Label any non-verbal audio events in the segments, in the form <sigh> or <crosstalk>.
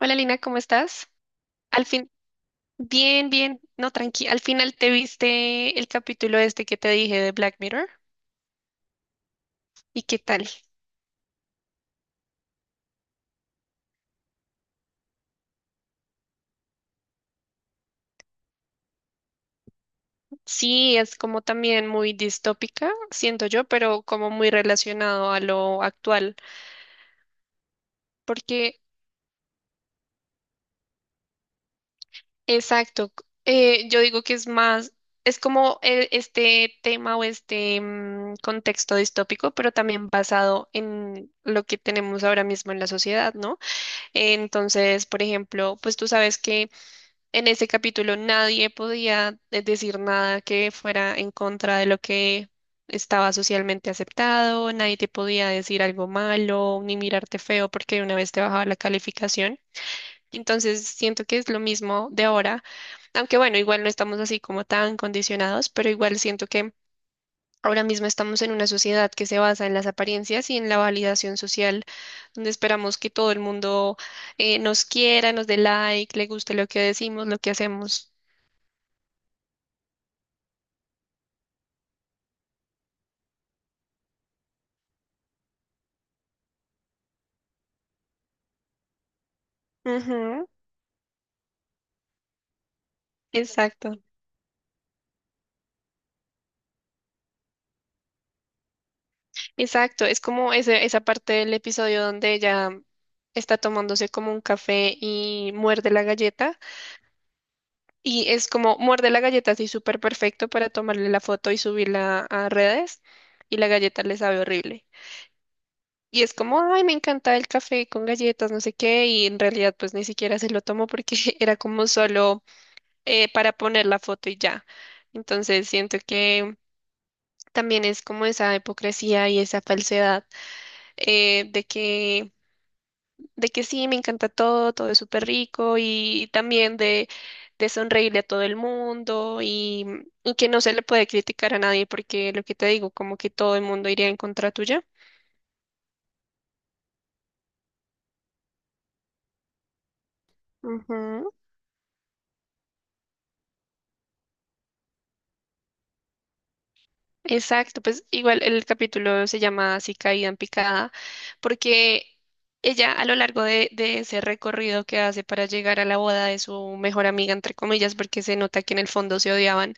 Hola Lina, ¿cómo estás? Al fin, bien, bien, no, tranqui. Al final te viste el capítulo este que te dije de Black Mirror. ¿Y qué tal? Sí, es como también muy distópica, siento yo, pero como muy relacionado a lo actual. Porque, exacto, yo digo que es más, es como este tema o este contexto distópico, pero también basado en lo que tenemos ahora mismo en la sociedad, ¿no? Entonces, por ejemplo, pues tú sabes que en ese capítulo nadie podía decir nada que fuera en contra de lo que estaba socialmente aceptado, nadie te podía decir algo malo ni mirarte feo porque de una vez te bajaba la calificación. Entonces siento que es lo mismo de ahora, aunque bueno, igual no estamos así como tan condicionados, pero igual siento que ahora mismo estamos en una sociedad que se basa en las apariencias y en la validación social, donde esperamos que todo el mundo nos quiera, nos dé like, le guste lo que decimos, lo que hacemos. Ujú. Exacto, exacto. Es como esa parte del episodio donde ella está tomándose como un café y muerde la galleta. Y es como muerde la galleta así súper perfecto para tomarle la foto y subirla a redes. Y la galleta le sabe horrible. Y es como, ay, me encanta el café con galletas, no sé qué. Y en realidad pues ni siquiera se lo tomó porque <laughs> era como solo para poner la foto y ya. Entonces siento que también es como esa hipocresía y esa falsedad eh, de que, de que sí, me encanta todo, todo es súper rico y también de sonreírle a todo el mundo y que no se le puede criticar a nadie porque lo que te digo, como que todo el mundo iría en contra tuya. Ujú. Exacto, pues igual el capítulo se llama así Caída en picada, porque ella a lo largo de ese recorrido que hace para llegar a la boda de su mejor amiga, entre comillas, porque se nota que en el fondo se odiaban,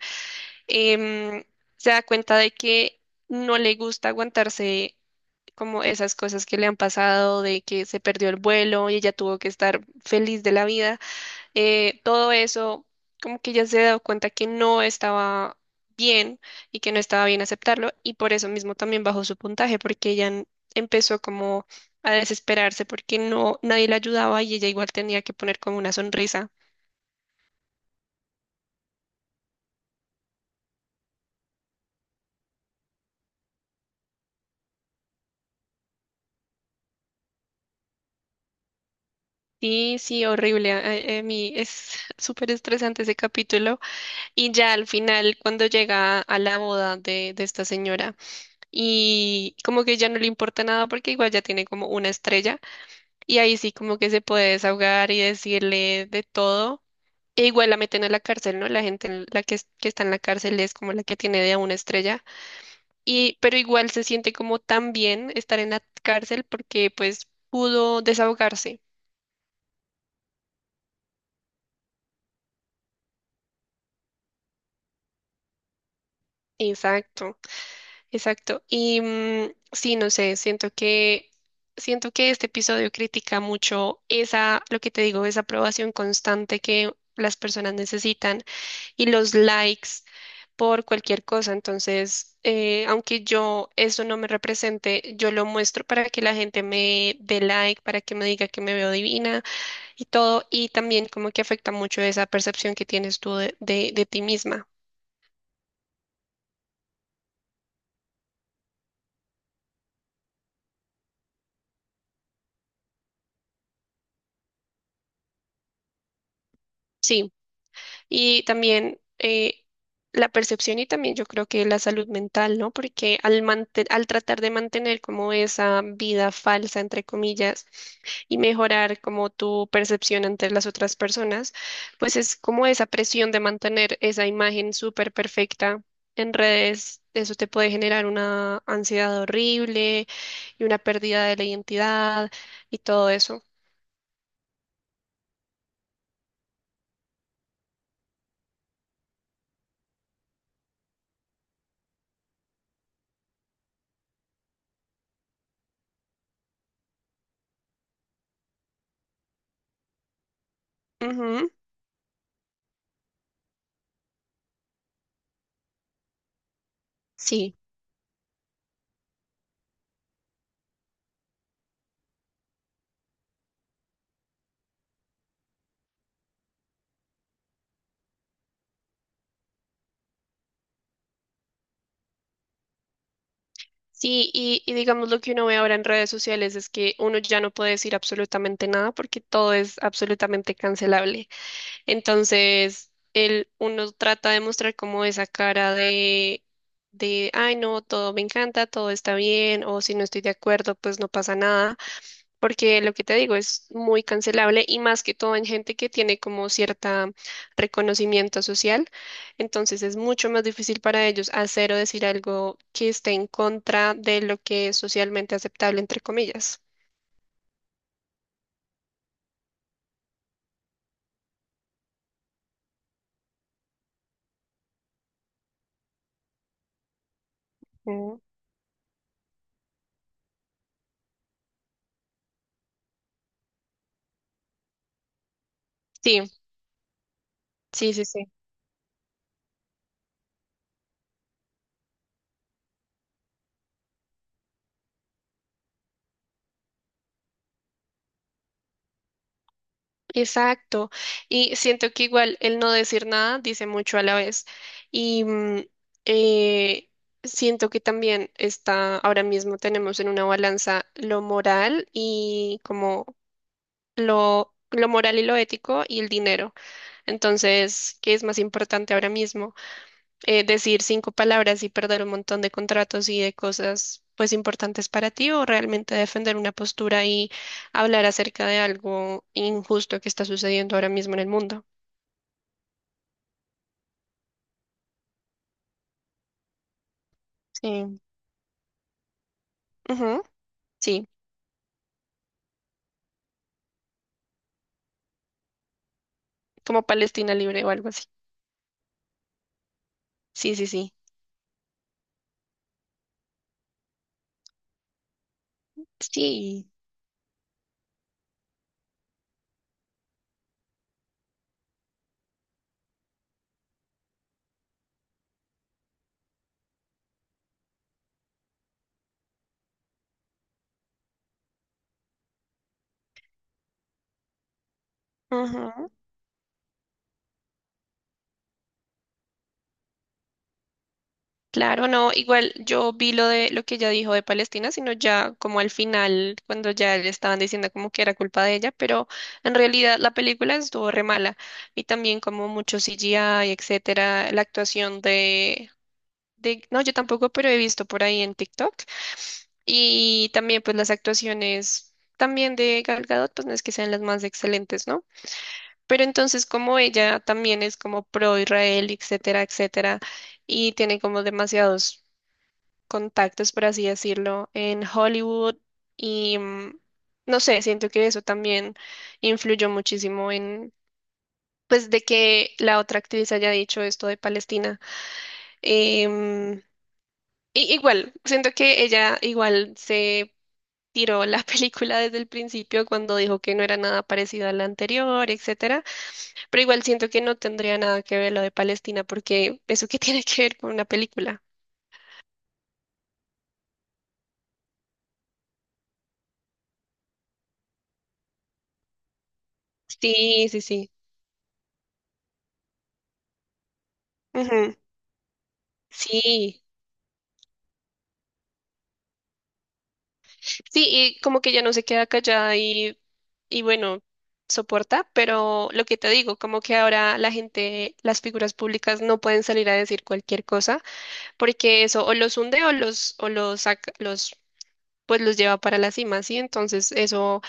em, se da cuenta de que no le gusta aguantarse como esas cosas que le han pasado, de que se perdió el vuelo y ella tuvo que estar feliz de la vida. Todo eso, como que ella se ha dado cuenta que no estaba bien y que no estaba bien aceptarlo y por eso mismo también bajó su puntaje porque ella empezó como a desesperarse porque no nadie la ayudaba y ella igual tenía que poner como una sonrisa. Sí, sí, horrible. A mí es <laughs> súper estresante ese capítulo. Y ya al final, cuando llega a la boda de esta señora, y como que ya no le importa nada porque igual ya tiene como una estrella, y ahí sí como que se puede desahogar y decirle de todo. E igual la meten a la cárcel, ¿no? La gente en la que, que está en la cárcel es como la que tiene de a una estrella. Pero igual se siente como tan bien estar en la cárcel porque pues pudo desahogarse. Exacto. Exacto. Y sí, no sé, siento que este episodio critica mucho esa, lo que te digo, esa aprobación constante que las personas necesitan y los likes por cualquier cosa. Entonces, aunque yo eso no me represente, yo lo muestro para que la gente me dé like, para que me diga que me veo divina y todo. Y también como que afecta mucho esa percepción que tienes tú de ti misma. Sí. Y también la percepción y también yo creo que la salud mental, ¿no? Porque al tratar de mantener como esa vida falsa, entre comillas, y mejorar como tu percepción ante las otras personas, pues es como esa presión de mantener esa imagen súper perfecta en redes. Eso te puede generar una ansiedad horrible y una pérdida de la identidad y todo eso. Ujú. Sí. Sí, y digamos lo que uno ve ahora en redes sociales es que uno ya no puede decir absolutamente nada porque todo es absolutamente cancelable. Entonces, uno trata de mostrar como esa cara ay, no, todo me encanta, todo está bien, o si no estoy de acuerdo, pues no pasa nada porque lo que te digo es muy cancelable y más que todo en gente que tiene como cierta reconocimiento social, entonces es mucho más difícil para ellos hacer o decir algo que esté en contra de lo que es socialmente aceptable, entre comillas. Mm. Sí, sí, sí, sí. Exacto. Y siento que igual el no decir nada dice mucho a la vez. Y eh, siento que también está, ahora mismo tenemos en una balanza lo moral y como lo moral y lo ético y el dinero. Entonces, ¿qué es más importante ahora mismo? Decir cinco palabras y perder un montón de contratos y de cosas pues importantes para ti o realmente defender una postura y hablar acerca de algo injusto que está sucediendo ahora mismo en el mundo. Sí. Ujú. Sí, como Palestina libre o algo así. Sí, sí, sí. Sí. Ujú. Claro, no, igual yo vi lo de lo que ella dijo de Palestina, sino ya como al final, cuando ya le estaban diciendo como que era culpa de ella, pero en realidad la película estuvo re mala y también como mucho CGI, etcétera, la actuación de, no, yo tampoco, pero he visto por ahí en TikTok y también pues las actuaciones también de Gal Gadot, pues no es que sean las más excelentes, ¿no? Pero entonces como ella también es como pro Israel, etcétera, etcétera y tiene como demasiados contactos, por así decirlo, en Hollywood y no sé, siento que eso también influyó muchísimo en, pues, de que la otra actriz haya dicho esto de Palestina. Em, igual, siento que ella igual se tiró la <laughs> película desde el principio cuando dijo que no era nada parecido a la anterior, etcétera, pero igual siento que no tendría nada que ver lo de Palestina porque eso que <laughs> tiene que ver con una película. Sí, sí, sí. Ujú. Sí. Sí, y como que ya no se queda callada y bueno, soporta, pero lo que te digo, como que ahora la gente, las figuras públicas no pueden salir a decir cualquier cosa, porque eso o los hunde o o los saca, pues los lleva para la cima, ¿sí? Entonces eso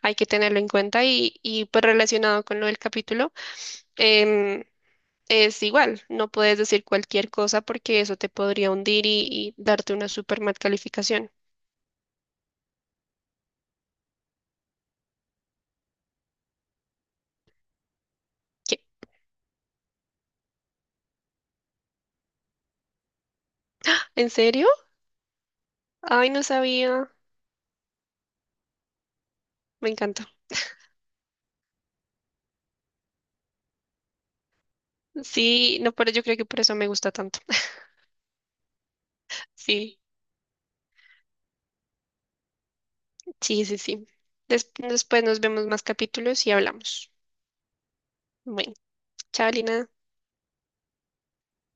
hay que tenerlo en cuenta y pues relacionado con lo del capítulo, em, es igual, no puedes decir cualquier cosa porque eso te podría hundir y darte una super mal calificación. ¿Qué? ¿En serio? Ay, no sabía. Me encanta. Sí, no, pero yo creo que por eso me gusta tanto. <laughs> Sí, sí, sí, sí. Después nos vemos más capítulos y hablamos. Bueno, chao, Lina.